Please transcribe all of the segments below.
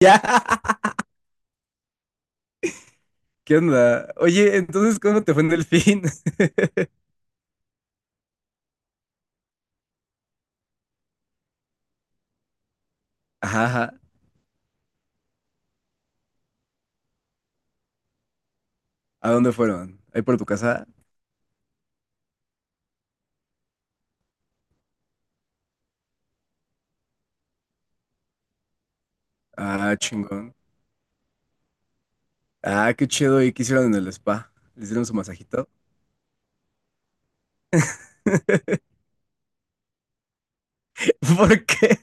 Ya. ¿Qué onda? Oye, entonces, ¿cómo te fue en Delfín? Ajá, ajá. ¿A dónde fueron? ¿Ahí por tu casa? Ah, chingón. Ah, qué chido. ¿Y qué hicieron en el spa? ¿Le hicieron su masajito? ¿Por qué?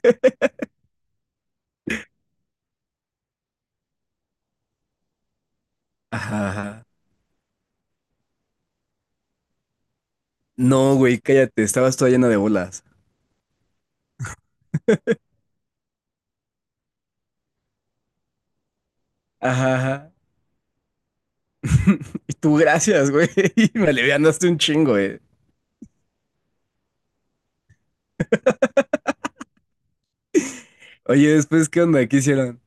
Ajá, ajá. No, güey, cállate. Estabas toda llena de bolas. Ajá, ajá. Y tú, gracias, güey. Me alivianaste un chingo, güey. Oye, después, ¿qué onda? ¿Qué hicieron?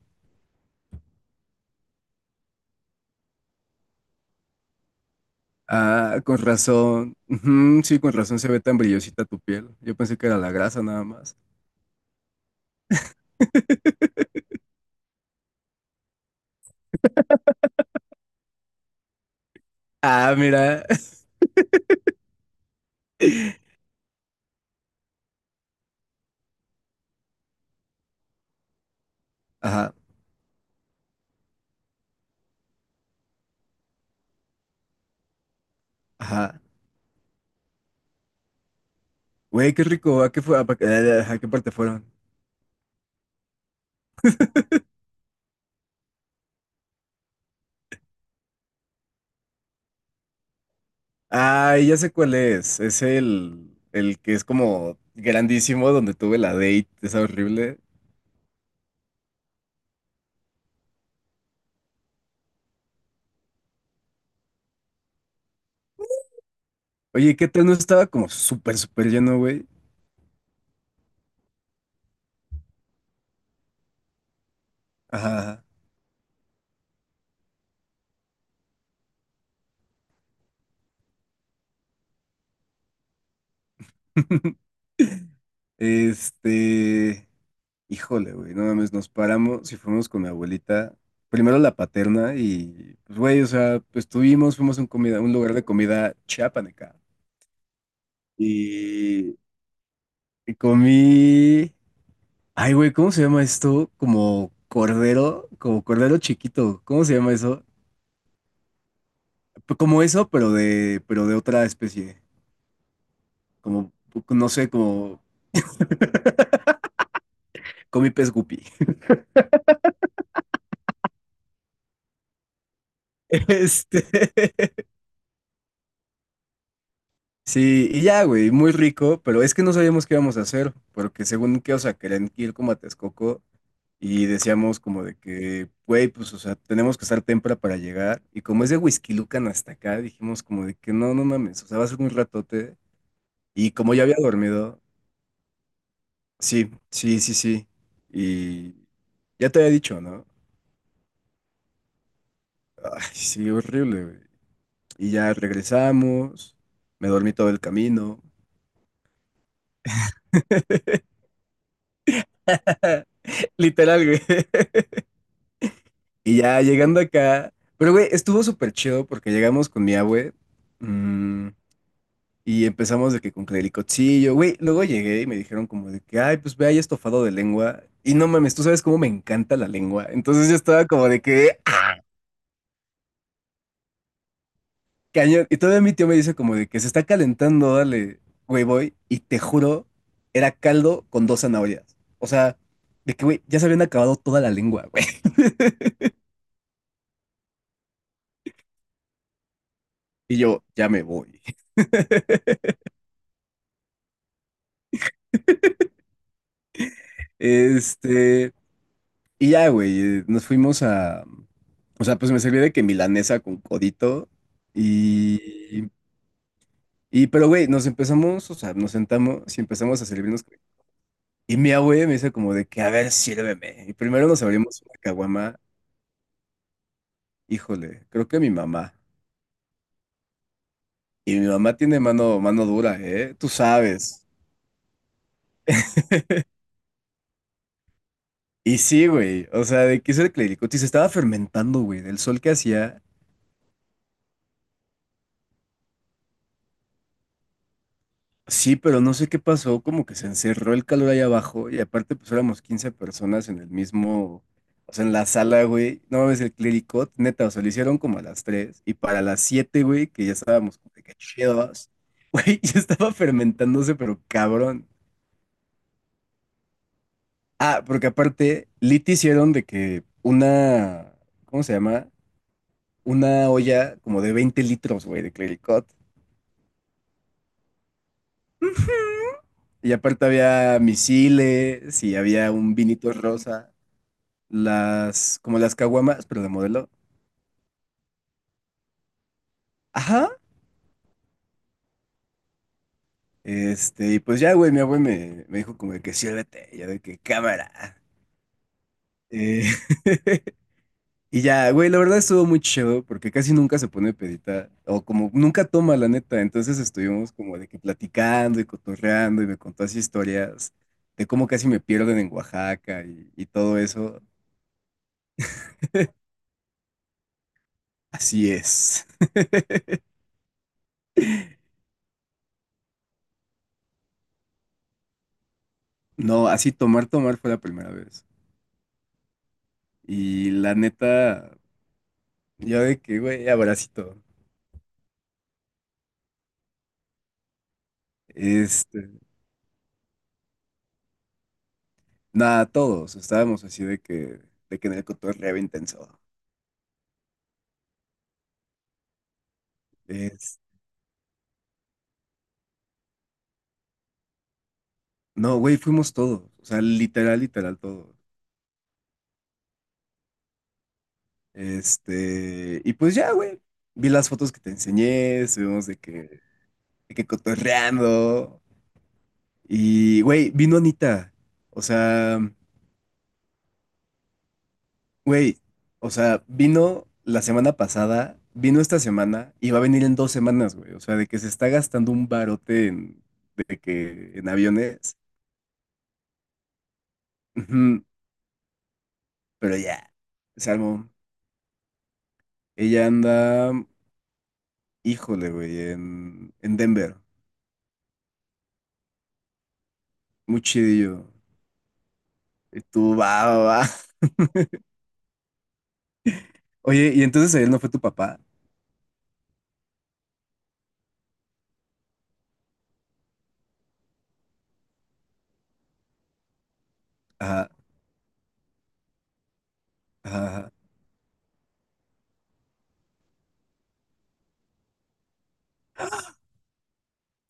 Ah, con razón. Ujú, sí, con razón se ve tan brillosita tu piel. Yo pensé que era la grasa nada más. Ah, mira. Ajá, ajá. Güey, qué rico. ¿A qué fue? ¿A qué parte fueron? Ah, ya sé cuál es. Es el que es como grandísimo donde tuve la date. Es horrible. Oye, ¿qué tal? No estaba como súper, súper lleno, güey. Ajá. Ajá. Este. Híjole, güey, no mames, nos paramos y fuimos con mi abuelita, primero la paterna y, pues, güey, o sea, pues tuvimos, fuimos a un comida, un lugar de comida chiapaneca. Y comí. Ay, güey, ¿cómo se llama esto? Como cordero chiquito. ¿Cómo se llama eso? P- Como eso, pero de otra especie. Como, no sé, como comí pez guppy. Este. Sí, y ya, güey, muy rico, pero es que no sabíamos qué íbamos a hacer, porque según que, o sea, querían ir como a Texcoco. Y decíamos como de que, güey, pues, o sea, tenemos que estar temprano para llegar. Y como es de Huixquilucan hasta acá, dijimos como de que no, no mames, o sea, va a ser un ratote. Y como ya había dormido, sí, sí, sí, sí. Y ya te había dicho, ¿no? Ay, sí, horrible, güey. Y ya regresamos, me dormí todo el camino. Literal, güey. Y ya llegando acá, pero güey, estuvo súper chido porque llegamos con mi abue. Mm. Y empezamos de que con clericochillo, güey. Luego llegué y me dijeron como de que, ay, pues ve ahí estofado de lengua. Y no mames, tú sabes cómo me encanta la lengua. Entonces yo estaba como de que, "Ah, cañón". Y todavía mi tío me dice como de que se está calentando, dale, güey, voy. Y te juro, era caldo con dos zanahorias. O sea, de que, güey, ya se habían acabado toda la lengua, güey. Y yo, ya me voy. Este, y ya, güey, nos fuimos a, o sea, pues me serví de que milanesa con codito. Mm. Y, pero, güey, nos empezamos, o sea, nos sentamos y empezamos a servirnos. Y mi abue me dice como de que, a ver, sírveme. Y primero nos abrimos una caguama. Híjole, creo que mi mamá. Y mi mamá tiene mano dura, ¿eh? Tú sabes. Y sí, güey, o sea, de que hizo el clericote y se estaba fermentando, güey, del sol que hacía. Sí, pero no sé qué pasó, como que se encerró el calor ahí abajo y aparte pues éramos 15 personas en el mismo, o sea, en la sala, güey. No mames, el clericot, neta, o sea, lo hicieron como a las 3 y para las 7, güey, que ya estábamos como de que chidos, güey, ya estaba fermentándose, pero cabrón. Ah, porque aparte, Lit hicieron de que una, ¿cómo se llama? Una olla como de 20 litros, güey, de clericot. Y aparte había misiles y había un vinito rosa. Las, como las caguamas, pero de modelo. Ajá. Y pues ya, güey, mi abuelo me dijo como de que siérvete, ya de que cámara. Eh, y ya, güey, la verdad estuvo muy chido porque casi nunca se pone pedita, o como nunca toma, la neta. Entonces estuvimos como de que platicando y cotorreando y me contó así historias de cómo casi me pierden en Oaxaca y todo eso. Así es. No, así tomar, tomar fue la primera vez. Y la neta. Yo de que, güey, abracito. Este, nada, todos estábamos así de que en el cotorreo intenso. Es, no, güey, fuimos todos. O sea, literal, literal, todos. Y pues ya, güey. Vi las fotos que te enseñé, estuvimos de que cotorreando. Y, güey, vino Anita. O sea, güey, o sea, vino la semana pasada, vino esta semana y va a venir en 2 semanas, güey. O sea, de que se está gastando un barote en, de que, en aviones. Ujú, pero ya, Salmo, ella anda, híjole, güey, en Denver. Muy chidillo. Y tú, va, va, va. Oye, ¿y entonces él no fue tu papá? Ajá, ajá, ajá.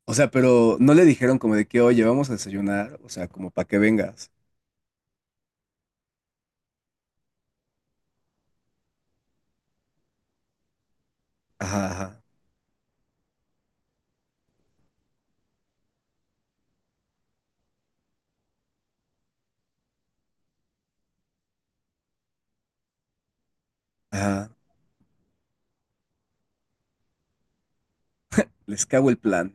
O sea, pero no le dijeron como de que, oye, vamos a desayunar, o sea, como para que vengas. Ajá, ajá, ajá. Les cago el plan.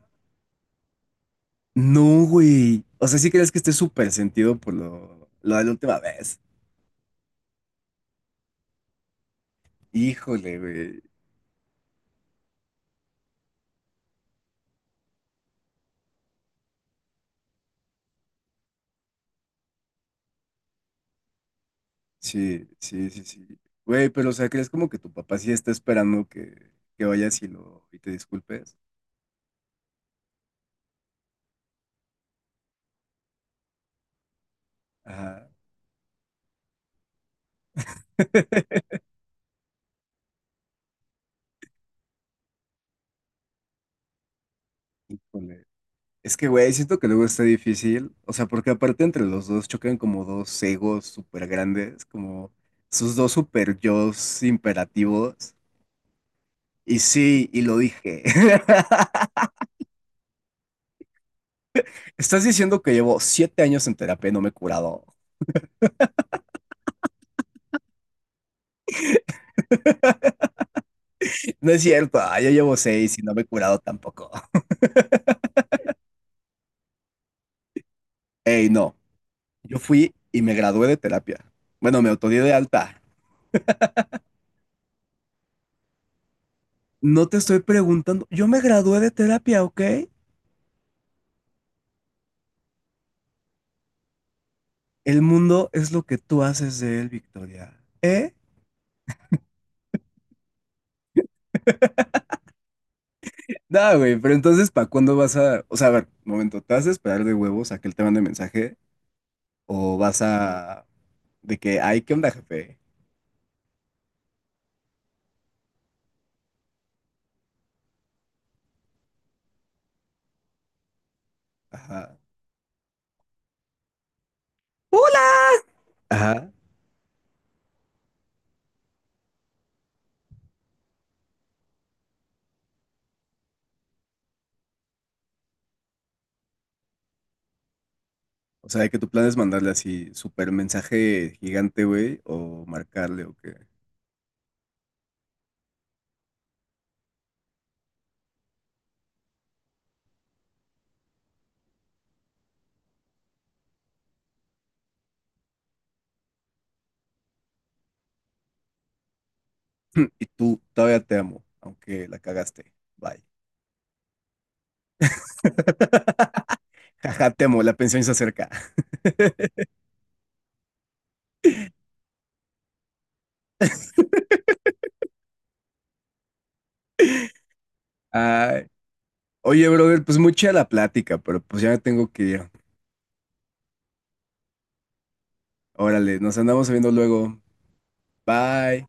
No, güey. O sea, sí crees que esté súper sentido por lo de la última vez. Híjole, güey. Sí, sí, sí, sí. Güey, pero o sea, ¿crees como que tu papá sí está esperando que vayas y lo y te disculpes? Ajá. Híjole. Es que, güey, siento que luego está difícil. O sea, porque aparte entre los dos chocan como dos egos súper grandes, como sus dos super yos imperativos. Y sí, y lo dije. Estás diciendo que llevo 7 años en terapia y no me he curado. No es cierto, ah, yo llevo 6 y no me he curado tampoco. Ey, no, yo fui y me gradué de terapia. Bueno, me autodidacta de alta. No te estoy preguntando, yo me gradué de terapia, ¿ok? El mundo es lo que tú haces de él, Victoria. ¿Eh? No, güey, pero entonces, ¿para cuándo vas a...? O sea, a ver, momento, ¿te vas a esperar de huevos a que él te mande mensaje? ¿O vas a...? De que, ay, ¿qué onda, jefe? Ajá. ¡Hola! Ajá. O sea, ¿que tu plan es mandarle así súper mensaje gigante, güey, o marcarle o qué? Y tú todavía te amo, aunque la cagaste. Bye. Jaja, te amo, la pensión se acerca. Ay. Oye, brother, pues mucha la plática, pero pues ya me tengo que ir. Órale, nos andamos viendo luego. Bye.